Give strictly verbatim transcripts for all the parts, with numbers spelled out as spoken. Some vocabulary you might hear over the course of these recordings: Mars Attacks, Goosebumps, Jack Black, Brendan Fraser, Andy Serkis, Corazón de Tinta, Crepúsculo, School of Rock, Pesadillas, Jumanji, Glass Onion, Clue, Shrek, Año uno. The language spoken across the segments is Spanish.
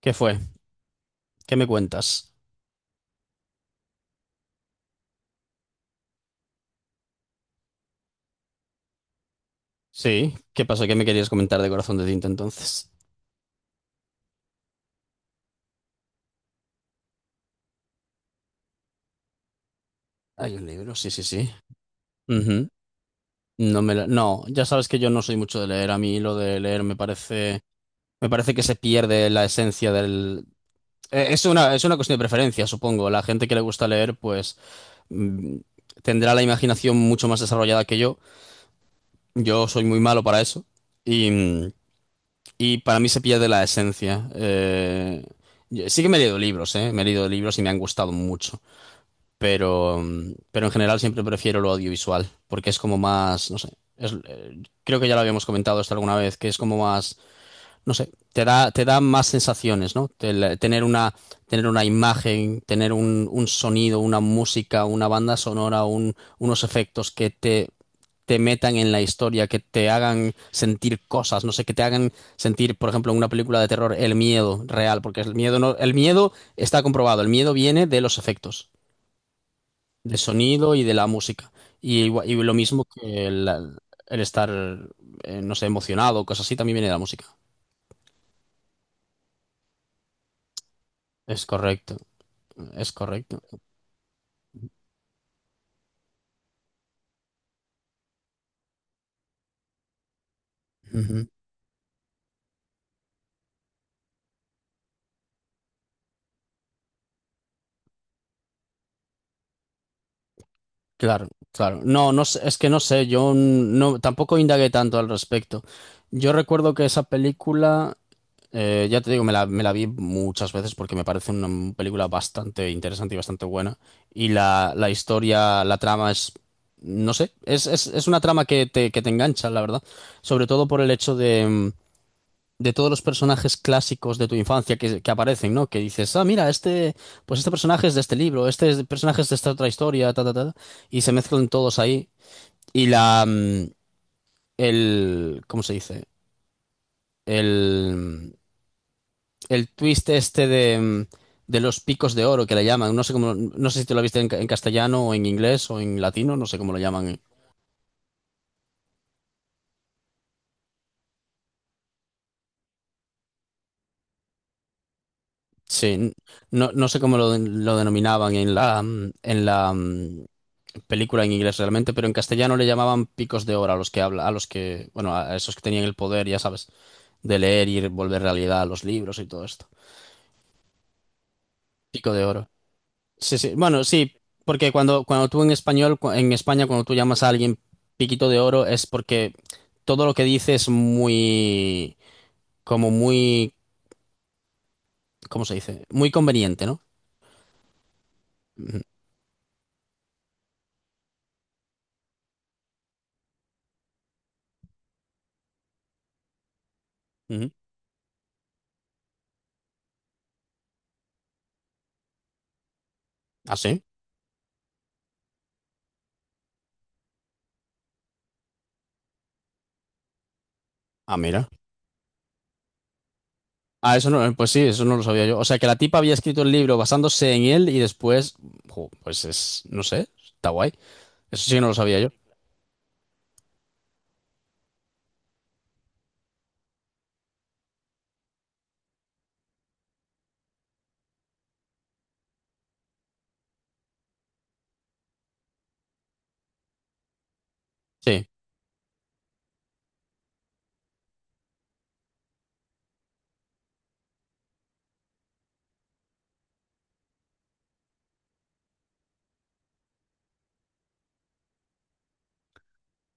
¿Qué fue? ¿Qué me cuentas? Sí, ¿qué pasó? ¿Qué me querías comentar de Corazón de Tinta entonces? Hay un libro, sí, sí, sí. Ujú. No me la- No, ya sabes que yo no soy mucho de leer. A mí lo de leer me parece, me parece que se pierde la esencia del. Eh, Es una, es una cuestión de preferencia, supongo. La gente que le gusta leer, pues mm, tendrá la imaginación mucho más desarrollada que yo. Yo soy muy malo para eso. Y, mm, y para mí se pierde la esencia. Eh, yo- Sí que me he leído libros, ¿eh? Me he leído libros y me han gustado mucho. pero, mm, pero en general siempre prefiero lo audiovisual, porque es como más, no sé, es- eh, creo que ya lo habíamos comentado esto alguna vez, que es como más, no sé, te da, te da más sensaciones, ¿no? Te- tener una, tener una imagen, tener un, un sonido, una música, una banda sonora, un- unos efectos que te, te metan en la historia, que te hagan sentir cosas, no sé, que te hagan sentir, por ejemplo, en una película de terror, el miedo real, porque el miedo no, el miedo está comprobado, el miedo viene de los efectos de sonido y de la música. Y, igua- y lo mismo que el, el estar, eh, no sé, emocionado, cosas así, también viene de la música. Es correcto, es correcto. Ujú. Claro, claro. No, no sé, es que no sé, yo no, tampoco indagué tanto al respecto. Yo recuerdo que esa película. Eh, ya te digo, me la, me la vi muchas veces porque me parece una m- película bastante interesante y bastante buena. Y la, la historia, la trama es, no sé, es, es, es una trama que te, que te, engancha, la verdad. Sobre todo por el hecho de, mm, de todos los personajes clásicos de tu infancia que, que aparecen, ¿no? Que dices, ah, mira, este, pues este personaje es de este libro, este es- personaje es de esta otra historia, ta, ta, ta. Y se mezclan todos ahí. Y la, mm, el, ¿cómo se dice? El el twist este de, mm, de los picos de oro que le llaman. No sé cómo, no sé si te lo viste en, ca- en castellano o en inglés o en latino, no sé cómo lo llaman. Sí, no, no sé cómo lo, lo denominaban en la, mm, en la mm, película en inglés realmente, pero en castellano le llamaban picos de oro a los que habla, a los que, bueno, a esos que tenían el poder, ya sabes, de leer y volver realidad a los libros y todo esto. Pico de oro. Sí, sí. Bueno, sí, porque cuando, cuando tú en español, cu- en España, cuando tú llamas a alguien piquito de oro, es porque todo lo que dice es muy, como muy, ¿cómo se dice? Muy conveniente, ¿no? Ujú, ujú. Ah, sí. Ah, mira. Ah, eso no, pues sí, eso no lo sabía yo. O sea, que la tipa había escrito el libro basándose en él y después, jo, pues es, no sé, está guay. Eso sí que no lo sabía yo. Sí,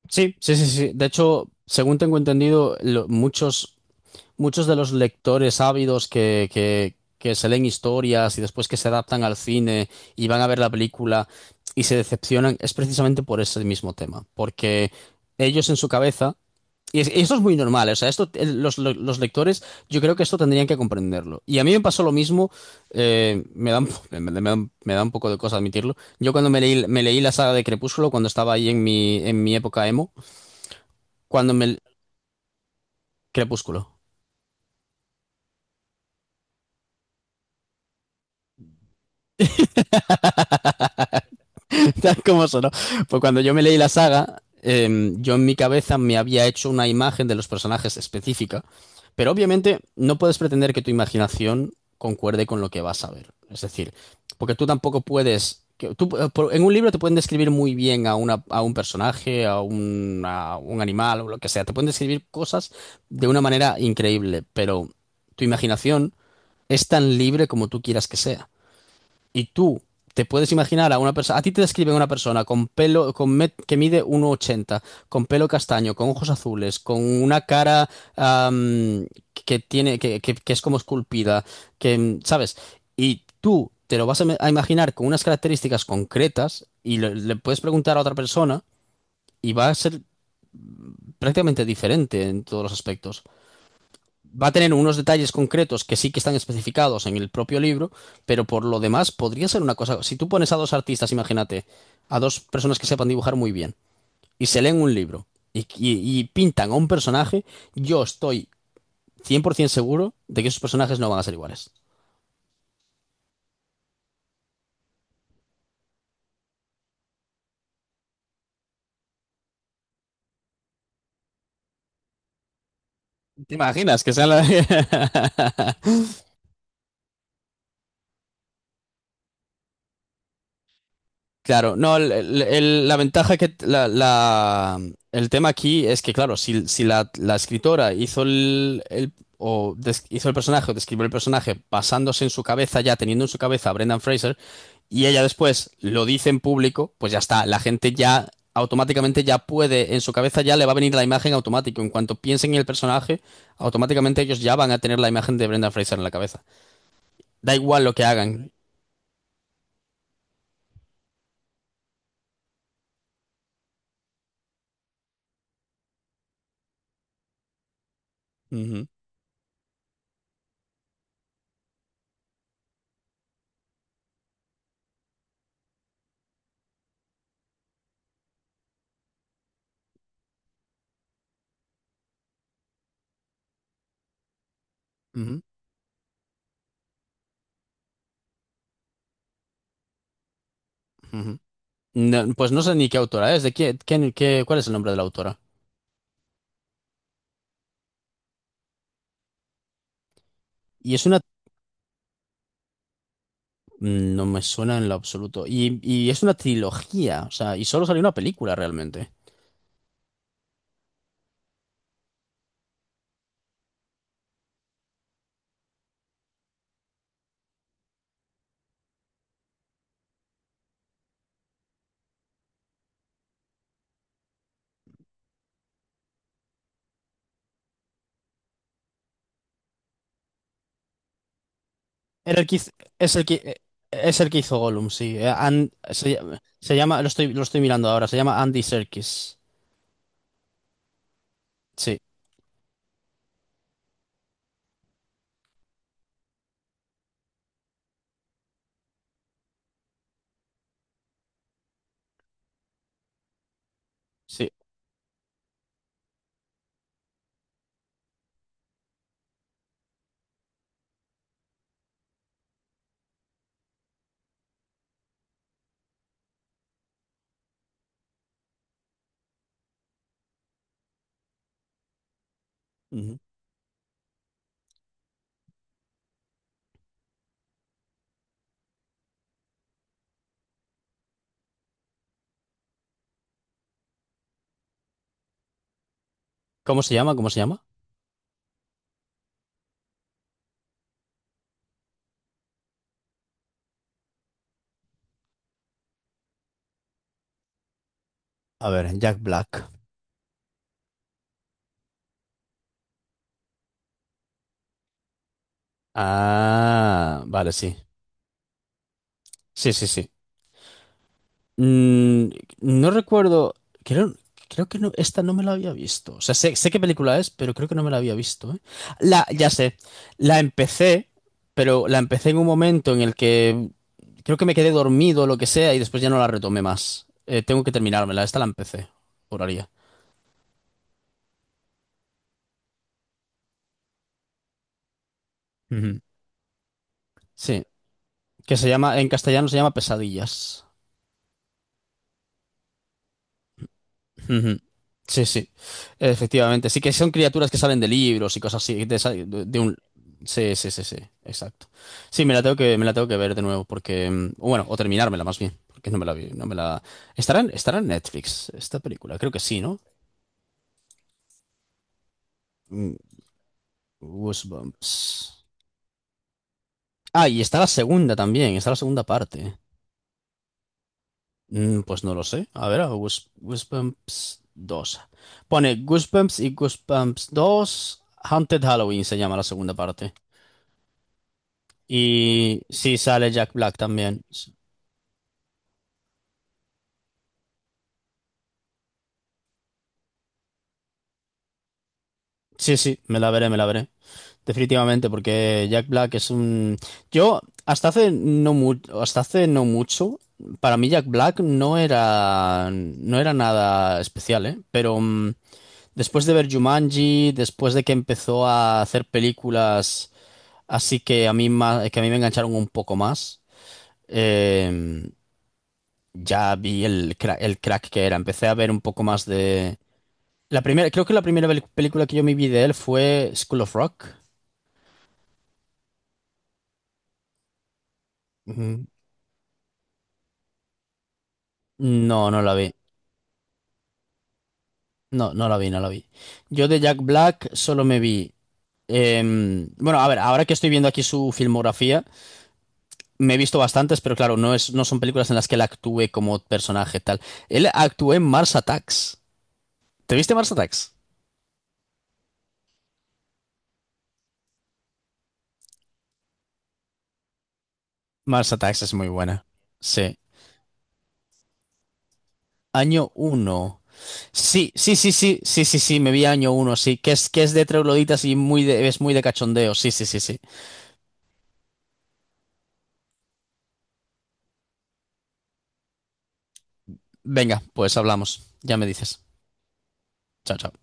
sí, sí, sí, sí. De hecho, según tengo entendido, lo- muchos muchos de los lectores ávidos que, que, que se leen historias y después que se adaptan al cine y van a ver la película y se decepcionan, es precisamente por ese mismo tema. Porque ellos en su cabeza, y es- y esto es muy normal, o sea, esto, eh, los, los los lectores, yo creo que esto tendrían que comprenderlo. Y a mí me pasó lo mismo, eh, me da, un- me, me- me da un me da un poco de cosa admitirlo. Yo cuando me leí, me leí la saga de Crepúsculo, cuando estaba ahí en mi, en mi época emo, cuando me... Crepúsculo. Tal como sonó. Pues cuando yo me leí la saga, eh, yo en mi cabeza me había hecho una imagen de los personajes específica, pero obviamente no puedes pretender que tu imaginación concuerde con lo que vas a ver. Es decir, porque tú tampoco puedes... que- tú, eh, por- en un libro te pueden describir muy bien a, una- a un personaje, a un, a un animal o lo que sea. Te pueden describir cosas de una manera increíble, pero tu imaginación es tan libre como tú quieras que sea. Y tú te puedes imaginar a una persona, a ti te describen una persona con pelo, con met- que mide uno ochenta, con pelo castaño, con ojos azules, con una cara am, que tiene, que, que- que es como esculpida, que, mm, ¿sabes? Y tú te lo vas a, me- a imaginar con unas características concretas y le, le puedes preguntar a otra persona y va a ser prácticamente diferente en todos los aspectos. Va a tener unos detalles concretos que sí que están especificados en el propio libro, pero por lo demás podría ser una cosa. Si tú pones a dos artistas, imagínate, a dos personas que sepan dibujar muy bien y se leen un libro y, y- y pintan a un personaje, yo estoy cien por ciento seguro de que esos personajes no van a ser iguales. ¿Te imaginas que sea la... Claro, no, el- el- el- la ventaja que la, la- el tema aquí es que, claro, si, si la, la escritora hizo el, el- o des- hizo el personaje o describió el personaje basándose en su cabeza, ya teniendo en su cabeza a Brendan Fraser, y ella después lo dice en público, pues ya está, la gente ya automáticamente ya puede, en su cabeza ya le va a venir la imagen automático. En cuanto piensen en el personaje, automáticamente ellos ya van a tener la imagen de Brendan Fraser en la cabeza. Da igual lo que hagan. Ujú, ujú, ujú. No, pues no sé ni qué autora es, de qué, qué- qué- cuál es el nombre de la autora. Y es una... mm, No me suena en lo absoluto. Y, y es una trilogía, o sea, y solo salió una película realmente. Era el que hiz- es el que, es el que hizo Gollum, sí. Eh, An- se, llama, se llama- lo estoy, lo estoy mirando ahora, se llama Andy Serkis. Sí, sí. Ujú. ¿Cómo se llama? ¿Cómo se llama? A ver, Jack Black. Ah, vale, sí. Sí, sí, sí. Mm, no recuerdo, creo, creo que no, esta no me la había visto. O sea, sé, sé qué película es, pero creo que no me la había visto, ¿eh? La, ya sé, la empecé, pero la empecé en un momento en el que creo que me quedé dormido o lo que sea y después ya no la retomé más. Eh, tengo que terminármela, esta la empecé, juraría. Ujú. Sí, que se llama, en castellano se llama Pesadillas. Ujú. Sí, sí, efectivamente. Sí que son criaturas que salen de libros y cosas así, de, esa- de- de un... Sí, sí, sí, sí, exacto. Sí, me la tengo que, me la tengo que ver de nuevo porque, mm, bueno, o terminármela más bien, porque no me la vi, no me la... ¿Estará en, estará en Netflix esta película? Creo que sí, ¿no? Mm, Goosebumps. Ah, y está la segunda también, está la segunda parte. Mm, pues no lo sé. A ver, a Goose- Goosebumps dos. Pone Goosebumps y Goosebumps dos, Haunted Halloween se llama la segunda parte. Y sí sale Jack Black también. Sí, sí, me la veré, me la veré. Definitivamente, porque Jack Black es un... Yo, hasta hace no mu hasta hace no mucho, para mí Jack Black no era, no era nada especial, ¿eh? Pero mm, después de ver Jumanji, después de que empezó a hacer películas así que a mí, ma- que a mí me engancharon un poco más, eh, ya vi el, cra- el crack que era. Empecé a ver un poco más de. La primera, creo que la primera pel- película que yo me vi de él fue School of Rock. Ujú. No, no la vi. No, no la vi, no la vi. Yo de Jack Black solo me vi. Em, bueno, a ver, ahora que estoy viendo aquí su filmografía, me he visto bastantes, pero claro, no es, no son películas en las que él actúe como personaje tal. Él actuó en Mars Attacks. ¿Te viste Mars Attacks? Mars Attacks es muy buena. Sí. Año uno, sí, sí, sí, sí, sí, sí, sí, me vi año uno, sí, que es, que es de trogloditas y muy de- es muy de cachondeo, sí, sí, sí, sí. Venga, pues hablamos, ya me dices. Chao, chao.